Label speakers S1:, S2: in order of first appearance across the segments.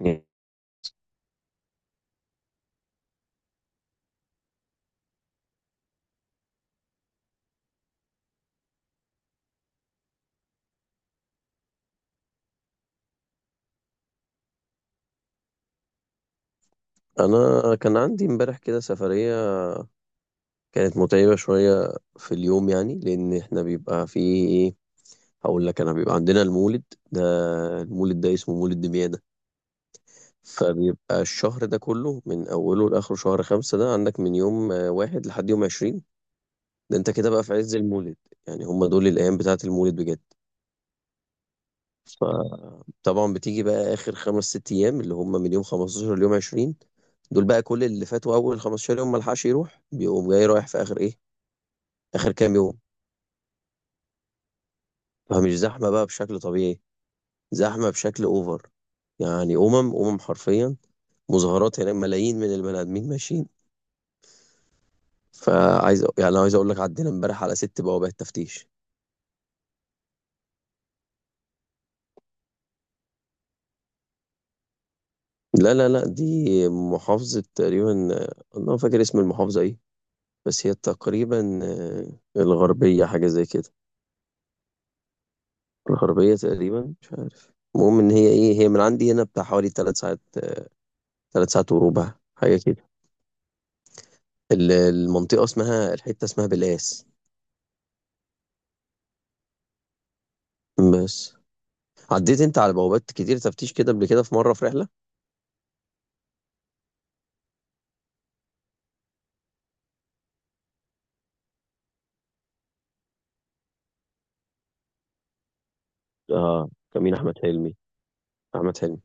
S1: يعني انا كان عندي امبارح كده سفريه كانت متعبه شويه في اليوم. يعني لان احنا بيبقى في ايه هقول لك انا بيبقى عندنا المولد ده. المولد ده اسمه مولد دمياده. فبيبقى الشهر ده كله من اوله لاخره شهر خمسة ده عندك من يوم واحد لحد يوم عشرين. ده انت كده بقى في عز المولد. يعني هم دول الايام بتاعه المولد بجد. فطبعا بتيجي بقى اخر خمس ست ايام اللي هم من يوم 15 ليوم 20. دول بقى كل اللي فاتوا اول 15 يوم ملحقش يروح، بيقوم جاي رايح في اخر ايه. آخر كام يوم. فمش زحمة بقى بشكل طبيعي، زحمة بشكل أوفر. يعني أمم أمم حرفيا مظاهرات هناك، ملايين من البني آدمين ماشيين. فعايز يعني أنا عايز أقول لك عدينا امبارح على ست بوابات تفتيش. لا لا لا دي محافظة تقريبا. أنا ما فاكر اسم المحافظة إيه. بس هي تقريبا الغربية حاجة زي كده. الغربية تقريبا مش عارف. المهم إن هي إيه، هي من عندي هنا بتاع حوالي تلات ساعات. تلات ساعات وربع حاجة كده. المنطقة اسمها، الحتة اسمها بلاس. بس عديت انت على بوابات كتير تفتيش كده قبل كده في مرة في رحلة؟ اه كمين احمد حلمي. احمد حلمي.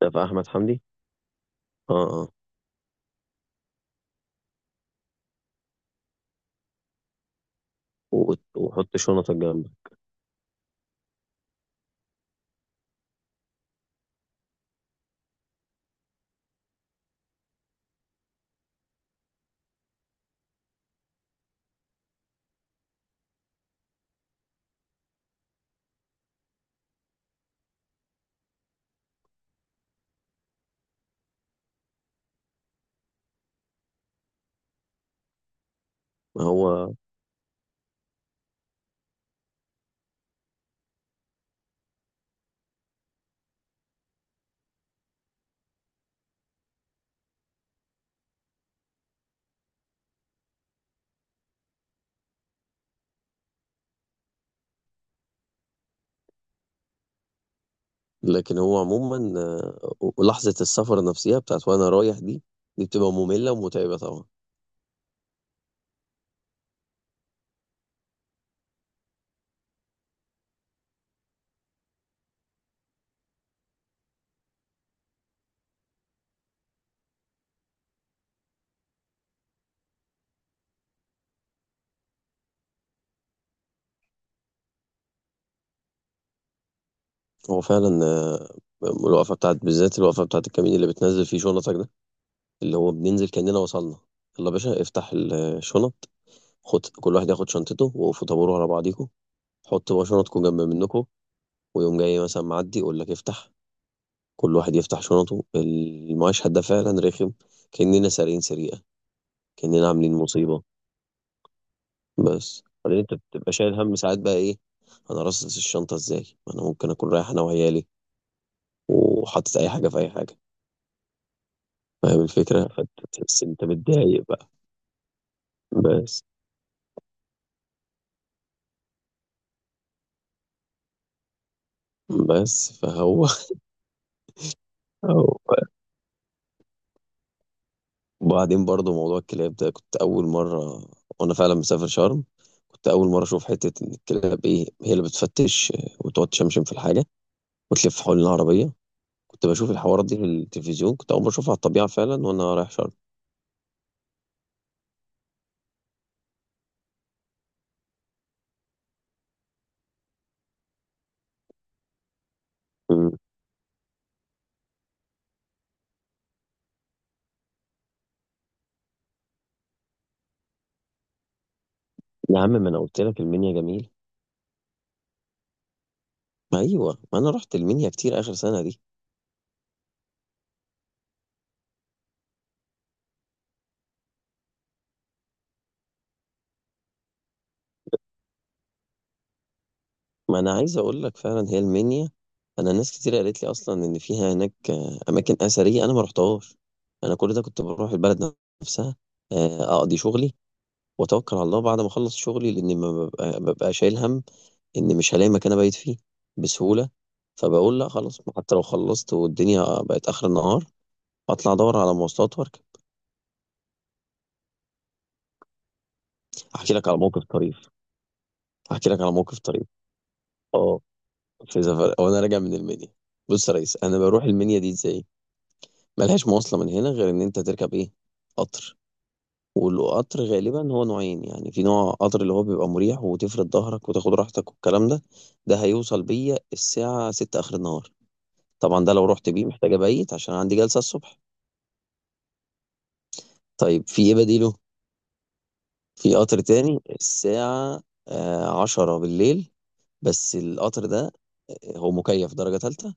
S1: ده في احمد حمدي. اه اه. وحط شنطك جنبك. ما هو. لكن هو عموما ولحظة السفر نفسها بتاعت وانا رايح دي بتبقى مملة ومتعبة طبعا. هو فعلا الوقفة بتاعت، بالذات الوقفة بتاعت الكمين اللي بتنزل فيه شنطك ده. اللي هو بننزل كأننا وصلنا. يلا يا باشا افتح الشنط. خد، كل واحد ياخد شنطته، وقفوا طابور على بعضيكم. حطوا بقى شنطكم جنب منكم. ويقوم جاي مثلا معدي يقول لك افتح، كل واحد يفتح شنطه. المشهد ده فعلا رخم. كأننا سارقين سرقة. كأننا عاملين مصيبة. بس بعدين انت بتبقى شايل هم ساعات بقى ايه. انا رصص الشنطة ازاي، ما انا ممكن اكون رايح انا وعيالي وحاطط اي حاجة في اي حاجة. فاهم الفكرة. فانت تحس انت متضايق بقى. بس بس فهو أهو. وبعدين برضو موضوع الكلاب ده كنت أول مرة وأنا فعلا مسافر شرم. كنت أول مرة أشوف حتة إن الكلاب إيه هي اللي بتفتش وتقعد تشمشم في الحاجة وتلف حول العربية. كنت بشوف الحوارات دي في التلفزيون، كنت أول مرة أشوفها على الطبيعة فعلا وأنا رايح شرم. مم. يا عم ما أنا قلت لك المنيا جميل. ما أيوه، ما أنا رحت المنيا كتير آخر سنة دي. ما أنا عايز أقول لك فعلا هي المنيا. أنا ناس كتير قالت لي أصلا إن فيها هناك أماكن أثرية أنا ما رحتهاش. أنا كل ده كنت بروح البلد نفسها أقضي شغلي واتوكل على الله بعد ما اخلص شغلي. لان ما ببقى, ببقى شايل هم ان مش هلاقي مكان ابيت فيه بسهوله. فبقول لا خلاص، حتى لو خلصت والدنيا بقت اخر النهار اطلع ادور على مواصلات واركب. احكي لك على موقف طريف احكي لك على موقف طريف اه في سفر وانا راجع من المنيا. بص يا ريس، انا بروح المنيا دي ازاي. ملهاش مواصله من هنا غير ان انت تركب ايه؟ قطر. والقطر غالبا هو نوعين. يعني في نوع قطر اللي هو بيبقى مريح وتفرد ظهرك وتاخد راحتك والكلام ده. ده هيوصل بيا الساعة ستة آخر النهار. طبعا ده لو رحت بيه محتاج ابيت عشان عندي جلسة الصبح. طيب في ايه بديله. في قطر تاني الساعة عشرة بالليل. بس القطر ده هو مكيف درجة تالتة.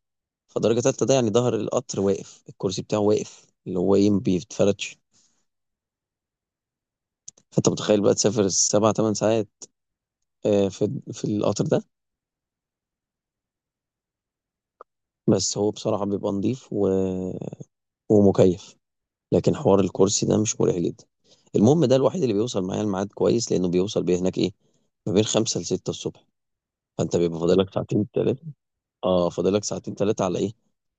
S1: فدرجة تالتة ده يعني ظهر القطر واقف، الكرسي بتاعه واقف، اللي هو ايه، ما بيتفرتش. فانت متخيل بقى تسافر سبع تمن ساعات في القطر ده. بس هو بصراحة بيبقى نظيف و... ومكيف. لكن حوار الكرسي ده مش مريح جدا. المهم ده الوحيد اللي بيوصل معايا الميعاد كويس، لانه بيوصل بيه هناك ايه ما بين خمسة لستة الصبح. فانت بيبقى فاضلك ساعتين تلاتة. اه فاضلك ساعتين تلاتة على ايه،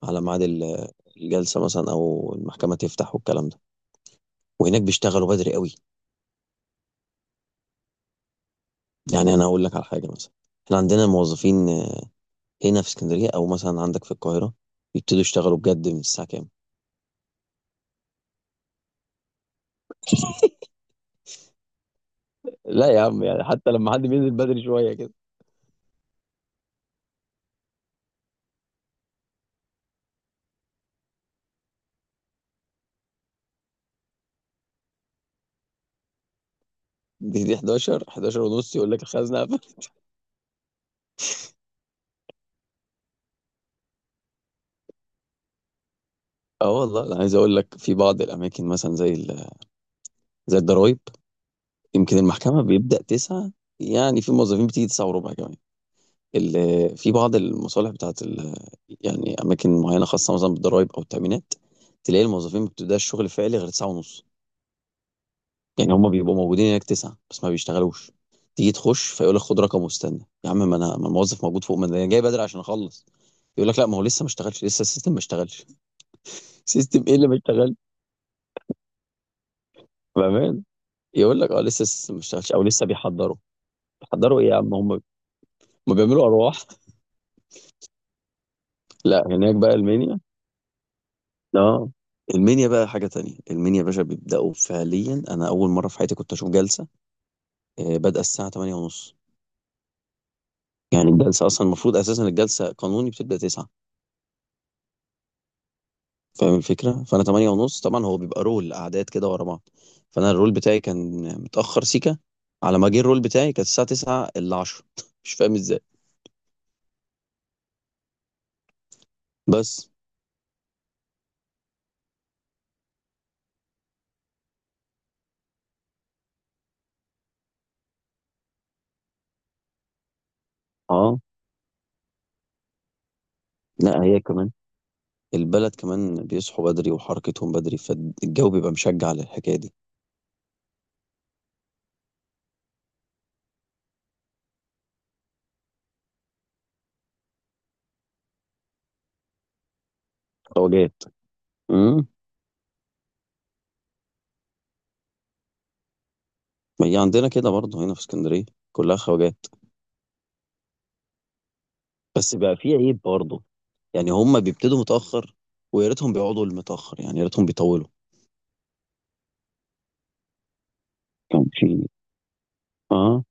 S1: على ميعاد الجلسة مثلا او المحكمة تفتح والكلام ده. وهناك بيشتغلوا بدري قوي. يعني انا اقول لك على حاجة مثلا. احنا عندنا الموظفين هنا في اسكندرية او مثلا عندك في القاهرة بيبتدوا يشتغلوا بجد من الساعة كام؟ لا يا عم، يعني حتى لما حد بينزل بدري شوية كده. دي 11 ونص، يقول لك الخزنة. اه والله انا عايز اقول لك في بعض الاماكن مثلا زي زي الضرايب يمكن المحكمه بيبدا تسعة. يعني في موظفين بتيجي تسعة وربع كمان. في بعض المصالح بتاعت يعني اماكن معينه خاصه مثلا بالضرايب او التامينات، تلاقي الموظفين ما بتبداش شغل فعلي غير تسعة ونص. يعني هم بيبقوا موجودين هناك تسعة بس ما بيشتغلوش. تيجي تخش فيقول لك خد رقم واستنى يا عم، ما انا، ما الموظف موجود فوق، ما انا جاي بدري عشان اخلص. يقول لك لا ما هو لسه ما اشتغلش، لسه السيستم ما اشتغلش. سيستم ايه اللي ما اشتغلش؟ يقول لك اه لسه ما اشتغلش او لسه بيحضروا. بيحضروا ايه يا عم؟ هم بيعملوا ارواح. لا هناك بقى المنيا. اه المنيا بقى حاجه تانية. المنيا يا باشا بيبداوا فعليا. انا اول مره في حياتي كنت اشوف جلسه بادئه الساعه 8 ونص. يعني الجلسه اصلا المفروض اساسا الجلسه قانوني بتبدا 9. فاهم الفكره، فانا 8 ونص طبعا. هو بيبقى رول اعداد كده ورا بعض. فانا الرول بتاعي كان متاخر سيكا. على ما جه الرول بتاعي كانت الساعه 9 الا 10. مش فاهم ازاي. بس اه لا هي كمان، البلد كمان بيصحوا بدري وحركتهم بدري، فالجو بيبقى مشجع للحكاية دي. خواجات. امم، ما هي عندنا كده برضه هنا في اسكندرية كلها خواجات. بس بقى في عيب برضه. يعني هم بيبتدوا متأخر ويا ريتهم بيقعدوا المتأخر، يعني يا ريتهم بيطولوا. كان في اه.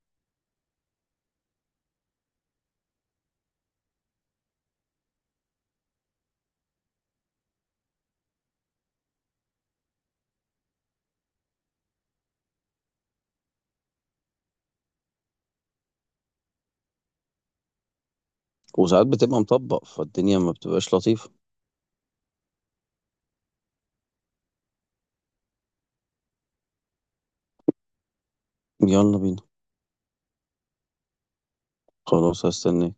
S1: وساعات بتبقى مطبق، فالدنيا ما بتبقاش لطيفة. يلا بينا. خلاص هستناك.